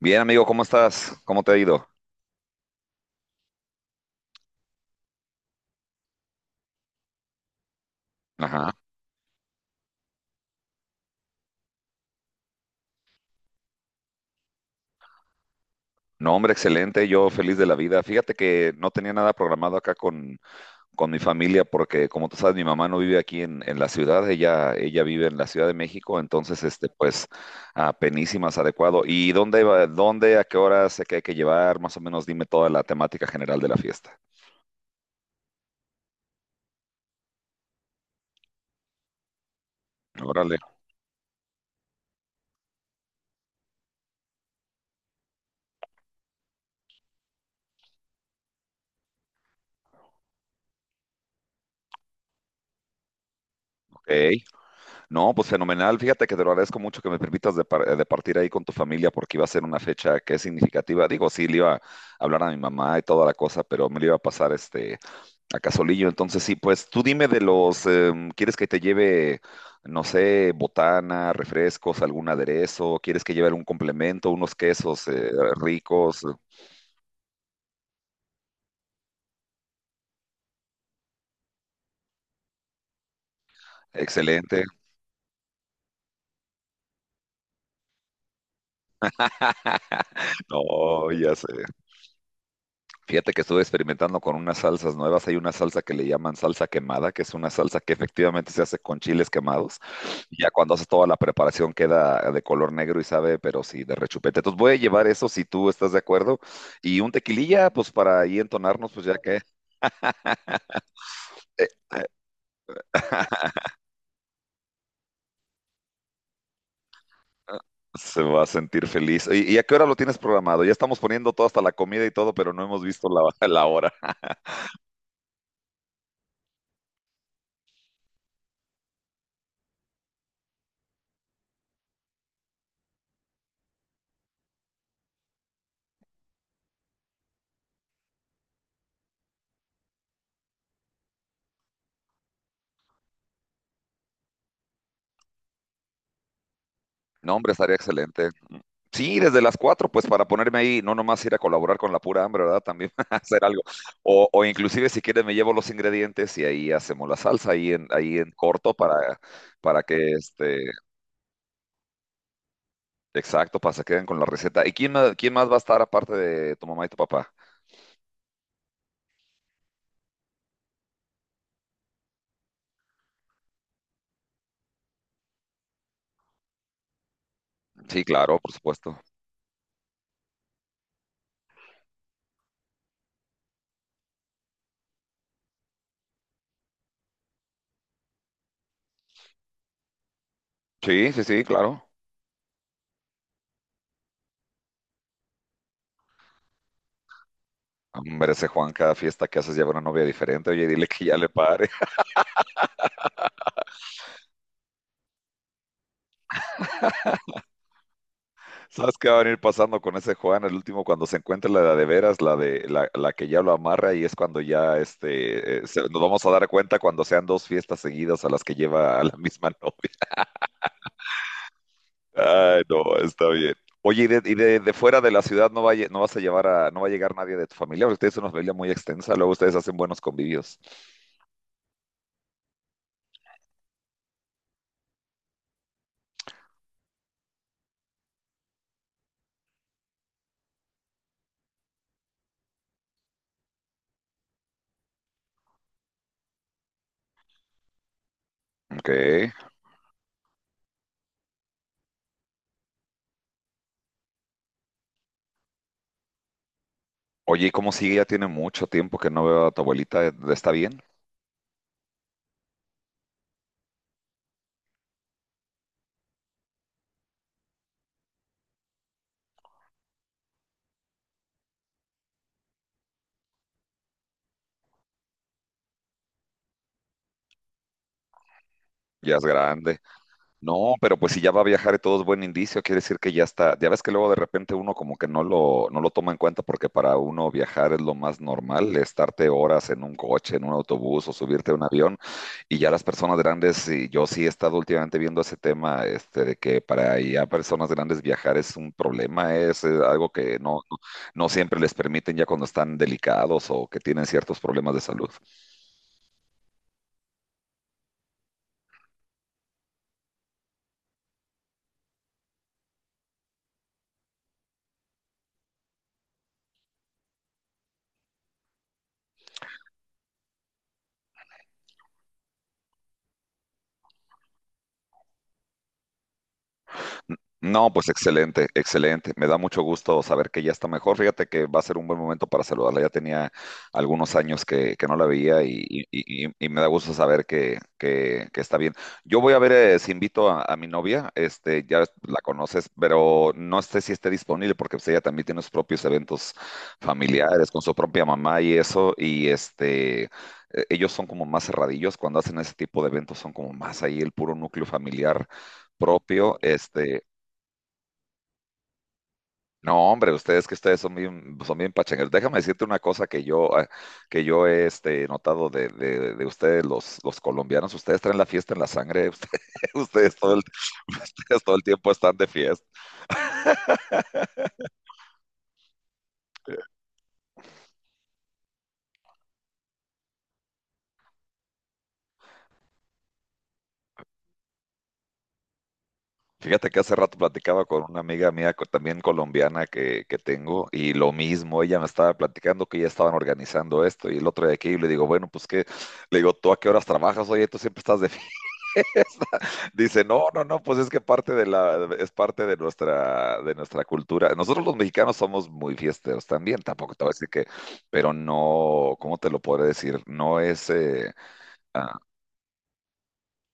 Bien, amigo, ¿cómo estás? ¿Cómo te ha ido? Ajá. No, hombre, excelente, yo feliz de la vida. Fíjate que no tenía nada programado acá con mi familia porque, como tú sabes, mi mamá no vive aquí en la ciudad, ella vive en la Ciudad de México, entonces, pues, apenísimas, adecuado. ¿Y dónde, a qué hora sé que hay que llevar? Más o menos dime toda la temática general de la fiesta. Órale, ok. No, pues fenomenal. Fíjate que te lo agradezco mucho que me permitas de partir ahí con tu familia porque iba a ser una fecha que es significativa. Digo, sí, le iba a hablar a mi mamá y toda la cosa, pero me lo iba a pasar a Casolillo. Entonces, sí, pues tú dime de los, ¿quieres que te lleve, no sé, botana, refrescos, algún aderezo? ¿Quieres que lleve algún complemento, unos quesos ricos? Excelente. No, ya sé. Fíjate que estuve experimentando con unas salsas nuevas. Hay una salsa que le llaman salsa quemada, que es una salsa que efectivamente se hace con chiles quemados. Y ya cuando haces toda la preparación queda de color negro y sabe, pero sí, de rechupete. Entonces voy a llevar eso si tú estás de acuerdo. Y un tequililla, pues para ahí entonarnos, pues ya que eh, se va a sentir feliz. Y a qué hora lo tienes programado? Ya estamos poniendo todo hasta la comida y todo, pero no hemos visto la, la hora. No, hombre, estaría excelente. Sí, desde las 4, pues para ponerme ahí, no nomás ir a colaborar con la pura hambre, ¿verdad? También hacer algo. O inclusive si quieres me llevo los ingredientes y ahí hacemos la salsa ahí en corto para que exacto, para que se queden con la receta. ¿Y quién más va a estar aparte de tu mamá y tu papá? Sí, claro, por supuesto. Sí, sí, sí, claro. Hombre, ese Juan, cada fiesta que haces lleva una novia diferente. Oye, dile que ya le pare. ¿Sabes qué va a venir pasando con ese Juan? El último, cuando se encuentre la de, veras, la de la, la que ya lo amarra, y es cuando ya nos vamos a dar cuenta cuando sean dos fiestas seguidas a las que lleva a la misma novia. Ay, no, está bien. Oye, de fuera de la ciudad no vas a llevar a, no va a llegar nadie de tu familia, porque ustedes son una familia muy extensa, luego ustedes hacen buenos convivios. Ok. Oye, ¿y cómo sigue? Ya tiene mucho tiempo que no veo a tu abuelita, ¿está bien? Ya es grande. No, pero pues si ya va a viajar y todo es buen indicio, quiere decir que ya está. Ya ves que luego de repente uno como que no lo toma en cuenta porque para uno viajar es lo más normal, estarte horas en un coche, en un autobús o subirte a un avión. Y ya las personas grandes, y yo sí he estado últimamente viendo ese tema, de que para ya personas grandes viajar es un problema, algo que no siempre les permiten ya cuando están delicados o que tienen ciertos problemas de salud. No, pues excelente, excelente. Me da mucho gusto saber que ya está mejor. Fíjate que va a ser un buen momento para saludarla. Ya tenía algunos años que no la veía y me da gusto saber que está bien. Yo voy a ver si invito a mi novia, este, ya la conoces, pero no sé si esté disponible porque pues, ella también tiene sus propios eventos familiares con su propia mamá y eso. Y ellos son como más cerradillos cuando hacen ese tipo de eventos, son como más ahí el puro núcleo familiar propio, no, hombre, ustedes que ustedes son bien pachangueros. Déjame decirte una cosa que yo he notado de ustedes, los colombianos. Ustedes traen la fiesta en la sangre. Ustedes todo el, ustedes todo el tiempo están de fiesta. Fíjate que hace rato platicaba con una amiga mía, co- también colombiana que tengo, y lo mismo, ella me estaba platicando que ya estaban organizando esto y el otro de aquí, y le digo, bueno, pues qué, le digo, ¿tú a qué horas trabajas? Oye, tú siempre estás de fiesta. Dice, no, no, no, pues es que parte de la, es parte de nuestra cultura. Nosotros los mexicanos somos muy fiesteros también, tampoco te voy a decir que, pero no, ¿cómo te lo podré decir? No es, ah,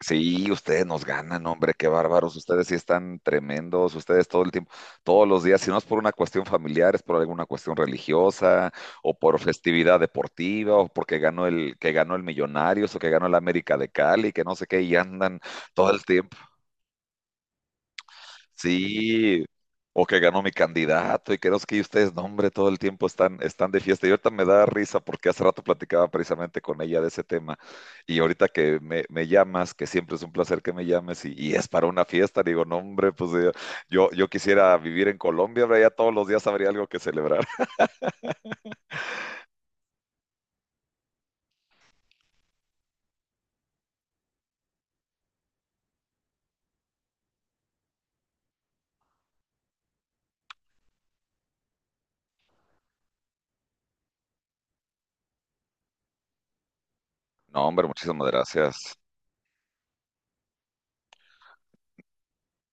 sí, ustedes nos ganan, hombre, qué bárbaros, ustedes sí están tremendos, ustedes todo el tiempo, todos los días, si no es por una cuestión familiar, es por alguna cuestión religiosa, o por festividad deportiva, o porque que ganó el Millonarios, o que ganó el América de Cali, que no sé qué, y andan todo el tiempo. Sí, o que ganó mi candidato y que no sé qué, y ustedes, no, hombre, todo el tiempo están de fiesta. Y ahorita me da risa porque hace rato platicaba precisamente con ella de ese tema. Y ahorita que me llamas, que siempre es un placer que me llames, y es para una fiesta, digo, no, hombre, pues yo quisiera vivir en Colombia, hombre, ya todos los días habría algo que celebrar. No, hombre, muchísimas gracias.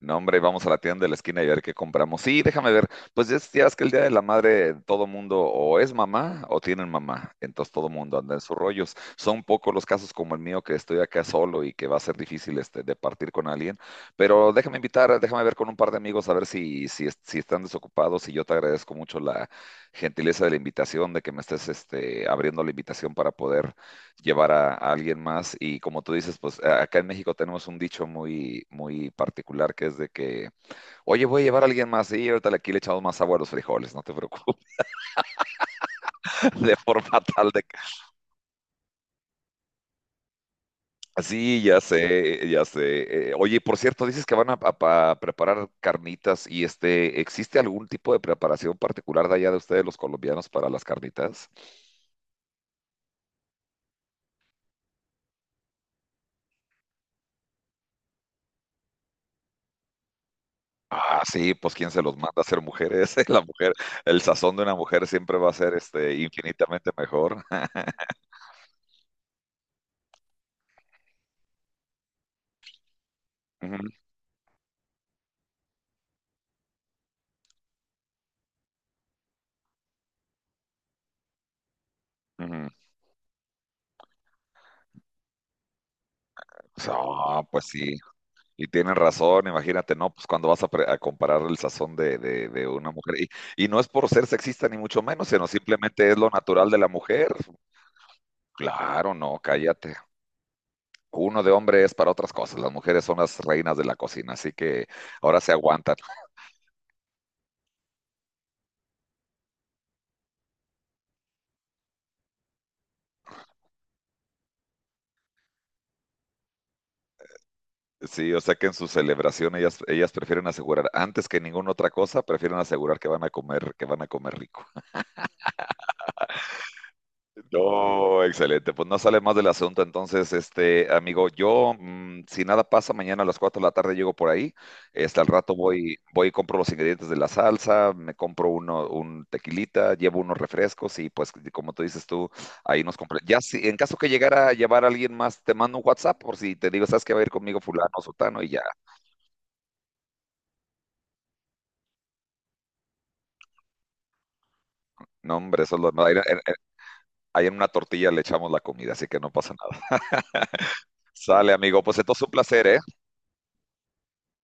No, hombre, vamos a la tienda de la esquina y a ver qué compramos. Sí, déjame ver. Pues es- ya es que el Día de la Madre todo mundo o es mamá o tienen mamá. Entonces todo mundo anda en sus rollos. Son pocos los casos como el mío que estoy acá solo y que va a ser difícil de partir con alguien. Pero déjame invitar, déjame ver con un par de amigos a ver si están desocupados. Y yo te agradezco mucho la gentileza de la invitación, de que me estés abriendo la invitación para poder llevar a alguien más. Y como tú dices, pues a- acá en México tenemos un dicho muy, muy particular que es de que, oye, voy a llevar a alguien más y ahorita aquí le echamos más agua a los frijoles, no te preocupes, de forma tal de que... Sí, ya sé, ya sé. Oye, por cierto, dices que van a preparar carnitas y ¿existe algún tipo de preparación particular de allá de ustedes, los colombianos, para las carnitas? Ah, sí, pues quién se los manda a ser mujeres, la mujer, el sazón de una mujer siempre va a ser infinitamente mejor. Ujú. No, pues sí, y tienen razón, imagínate, no, pues cuando vas a comparar el sazón de una mujer, y no es por ser sexista ni mucho menos, sino simplemente es lo natural de la mujer. Claro, no, cállate. Uno de hombre es para otras cosas, las mujeres son las reinas de la cocina, así que ahora se aguantan. Sí, o sea que en su celebración ellas prefieren asegurar, antes que ninguna otra cosa, prefieren asegurar que van a comer, que van a comer rico. Oh, excelente. Pues no sale más del asunto. Entonces, este amigo, yo, si nada pasa, mañana a las 4 de la tarde llego por ahí. Este, al rato voy y compro los ingredientes de la salsa, me compro un tequilita, llevo unos refrescos y pues, como tú dices tú, ahí nos compré. Ya, si en caso que llegara a llevar a alguien más, te mando un WhatsApp por si te digo, ¿sabes qué va a ir conmigo fulano, sotano? Y ya. No, hombre, eso es lo... Ahí, ahí en una tortilla le echamos la comida, así que no pasa nada. Sale, amigo. Pues entonces un placer, ¿eh?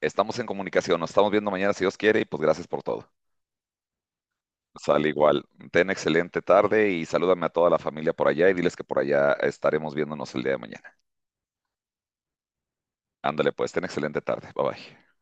Estamos en comunicación, nos estamos viendo mañana si Dios quiere y pues gracias por todo. Sale igual. Ten excelente tarde y salúdame a toda la familia por allá y diles que por allá estaremos viéndonos el día de mañana. Ándale pues, ten excelente tarde. Bye bye.